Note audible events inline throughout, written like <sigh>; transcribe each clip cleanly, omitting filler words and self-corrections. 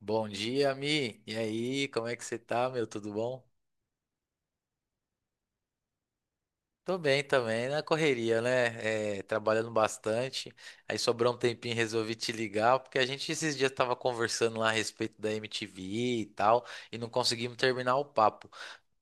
Bom dia, Mi. E aí, como é que você tá, meu? Tudo bom? Tô bem também, na correria, né? É, trabalhando bastante. Aí sobrou um tempinho, resolvi te ligar, porque a gente esses dias tava conversando lá a respeito da MTV e tal, e não conseguimos terminar o papo.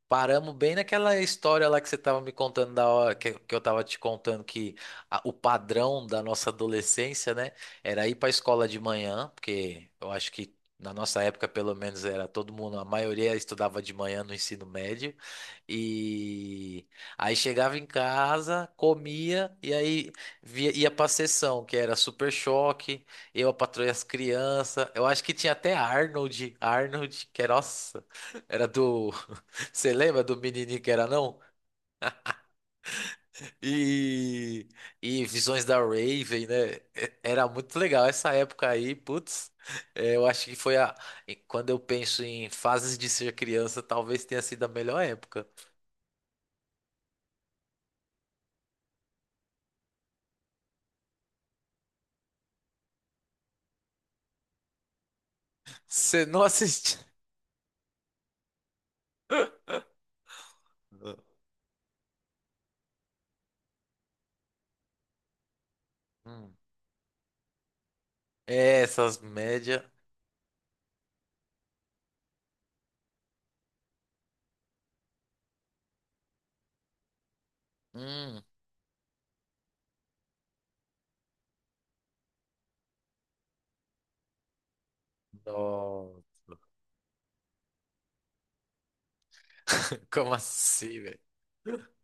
Paramos bem naquela história lá que você estava me contando da hora, que eu estava te contando que o padrão da nossa adolescência, né, era ir para a escola de manhã, porque eu acho que na nossa época, pelo menos, era todo mundo, a maioria estudava de manhã no ensino médio, e aí chegava em casa, comia, e aí via, ia para a sessão, que era Super Choque, Eu, a Patroa e as Crianças. Eu acho que tinha até Arnold, que, nossa, era do você lembra do menininho, que era, não? E Visões da Raven, né? Era muito legal essa época aí, putz. É, eu acho que foi a. E quando eu penso em fases de ser criança, talvez tenha sido a melhor época. Você não <laughs> assistiu? Hum. É, essas médias. Hum. Nó. Como assim, velho?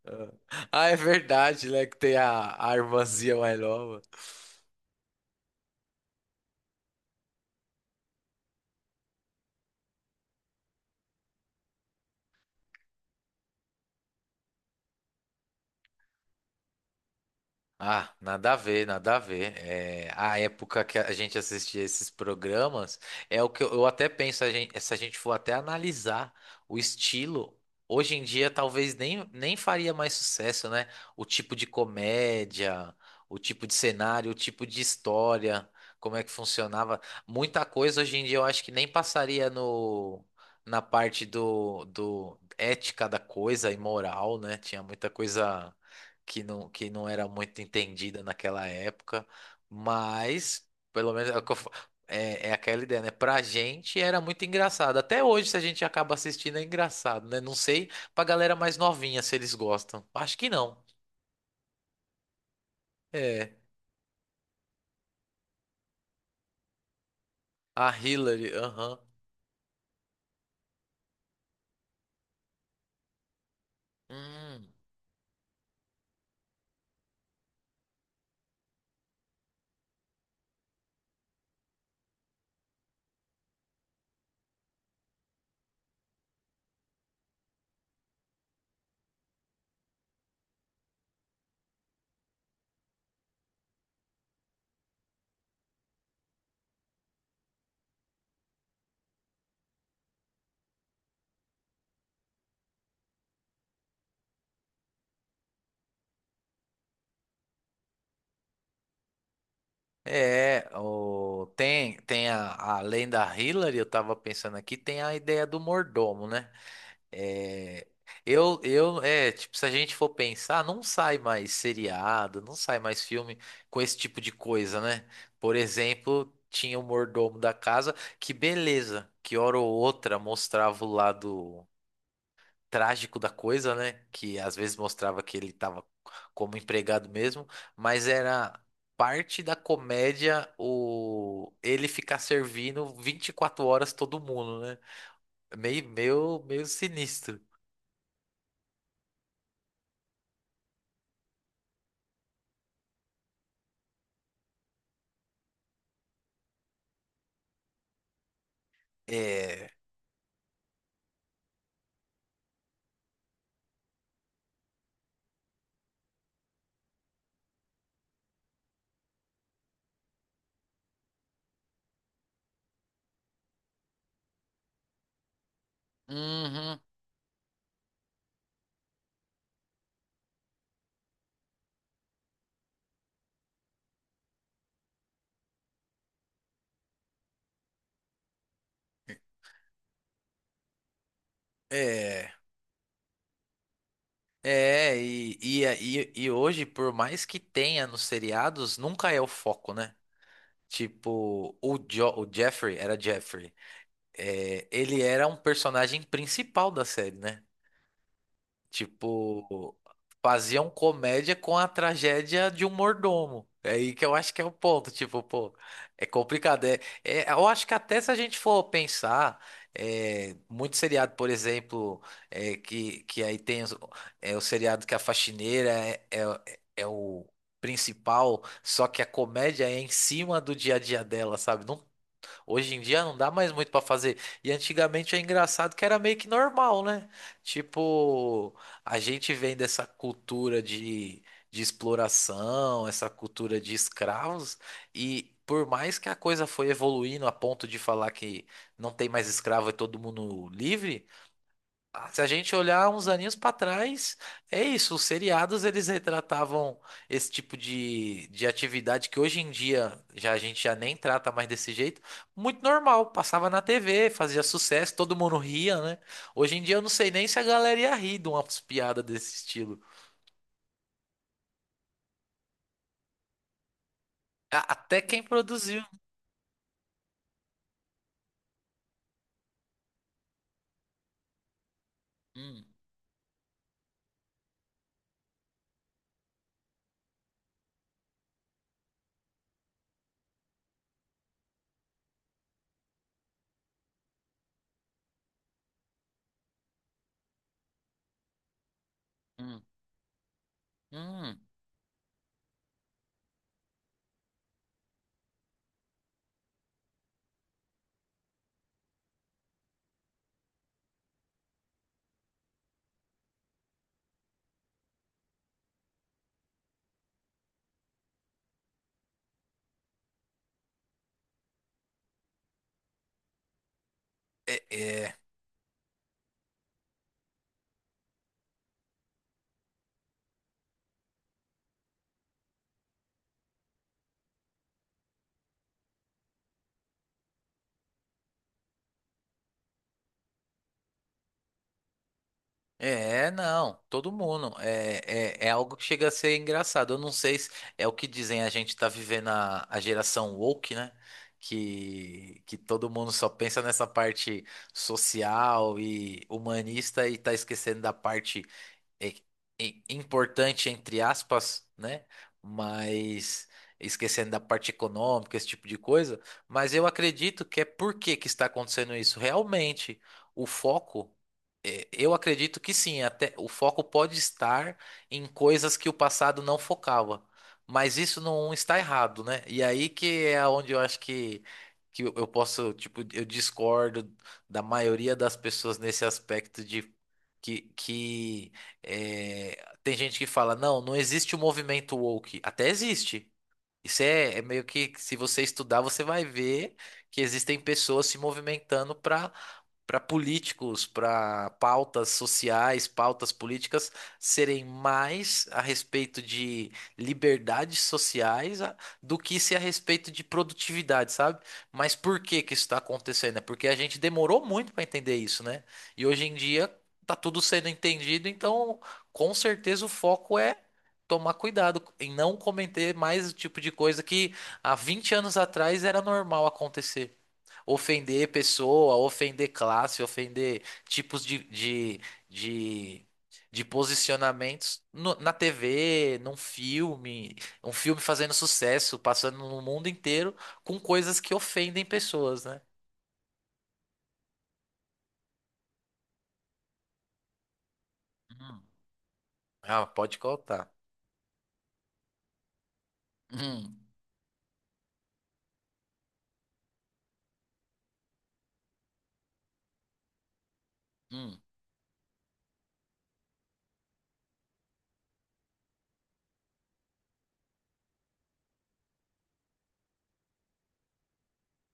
Ah, Ah, é verdade, né? Que tem a irmãzinha mais nova. Ah, nada a ver, nada a ver. É, a época que a gente assistia esses programas é o que eu até penso, se a gente for até analisar o estilo, hoje em dia talvez nem faria mais sucesso, né? O tipo de comédia, o tipo de cenário, o tipo de história, como é que funcionava. Muita coisa hoje em dia eu acho que nem passaria no, na parte do ética da coisa e moral, né? Tinha muita coisa que não era muito entendida naquela época, mas pelo menos é, o que eu fa- é- é aquela ideia, né? Pra gente era muito engraçado. Até hoje, se a gente acaba assistindo, é engraçado, né? Não sei pra galera mais novinha se eles gostam. Acho que não. É. A Hillary, aham. Hum. É, tem além da Hillary, eu tava pensando aqui, tem a ideia do mordomo, né? É, é, tipo, se a gente for pensar, não sai mais seriado, não sai mais filme com esse tipo de coisa, né? Por exemplo, tinha o mordomo da casa, que beleza, que hora ou outra mostrava o lado trágico da coisa, né? Que às vezes mostrava que ele tava como empregado mesmo, mas era parte da comédia o ele ficar servindo 24 horas todo mundo, né? Meio sinistro. É. Uhum. É. E hoje, por mais que tenha nos seriados, nunca é o foco, né? Tipo, o Jeffrey, era Jeffrey. É, ele era um personagem principal da série, né? Tipo, faziam comédia com a tragédia de um mordomo. É aí que eu acho que é o ponto. Tipo, pô, é complicado. Eu acho que até se a gente for pensar, é, muito seriado, por exemplo, é, que aí tem é, o seriado que a faxineira é, o principal, só que a comédia é em cima do dia a dia dela, sabe? Não. Hoje em dia não dá mais muito pra fazer. E antigamente é engraçado que era meio que normal, né? Tipo, a gente vem dessa cultura de exploração, essa cultura de escravos, e por mais que a coisa foi evoluindo a ponto de falar que não tem mais escravo e todo mundo livre, se a gente olhar uns aninhos para trás, é isso. Os seriados eles retratavam esse tipo de atividade que hoje em dia já a gente já nem trata mais desse jeito. Muito normal, passava na TV, fazia sucesso, todo mundo ria, né? Hoje em dia eu não sei nem se a galera ia rir de umas piadas desse estilo. Até quem produziu. Hum, hum, hum. É, não, todo mundo. É, algo que chega a ser engraçado. Eu não sei se é o que dizem, a gente tá vivendo a geração woke, né? Que todo mundo só pensa nessa parte social e humanista e tá esquecendo da parte é- é importante, entre aspas, né? Mas esquecendo da parte econômica, esse tipo de coisa. Mas eu acredito que é por que que está acontecendo isso. Realmente, o foco, é, eu acredito que sim, até o foco pode estar em coisas que o passado não focava. Mas isso não está errado, né? E aí que é onde eu acho que eu posso, tipo, eu discordo da maioria das pessoas nesse aspecto de que é, tem gente que fala, não, não existe o movimento woke. Até existe. Isso é, é meio que, se você estudar, você vai ver que existem pessoas se movimentando para políticos, para pautas sociais, pautas políticas serem mais a respeito de liberdades sociais do que se a respeito de produtividade, sabe? Mas por que que isso está acontecendo? É porque a gente demorou muito para entender isso, né? E hoje em dia tá tudo sendo entendido, então com certeza o foco é tomar cuidado em não cometer mais o tipo de coisa que há 20 anos atrás era normal acontecer, ofender pessoa, ofender classe, ofender tipos de, de posicionamentos na TV, num filme, um filme fazendo sucesso, passando no mundo inteiro com coisas que ofendem pessoas, né? Hum. Ah, pode contar. Hum, hum,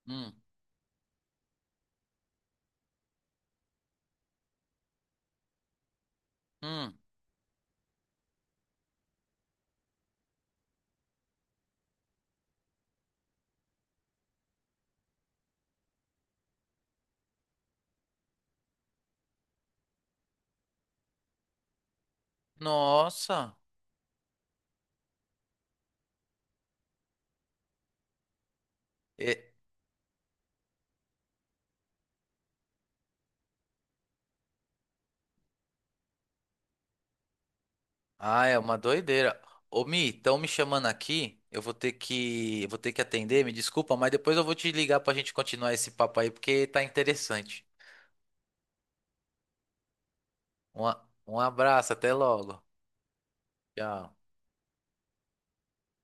hum, hum. Nossa. Ah, é uma doideira. Ô, Mi, estão me chamando aqui. eu vou ter que, atender, me desculpa, mas depois eu vou te ligar pra gente continuar esse papo aí, porque tá interessante. Um abraço, até logo. Tchau.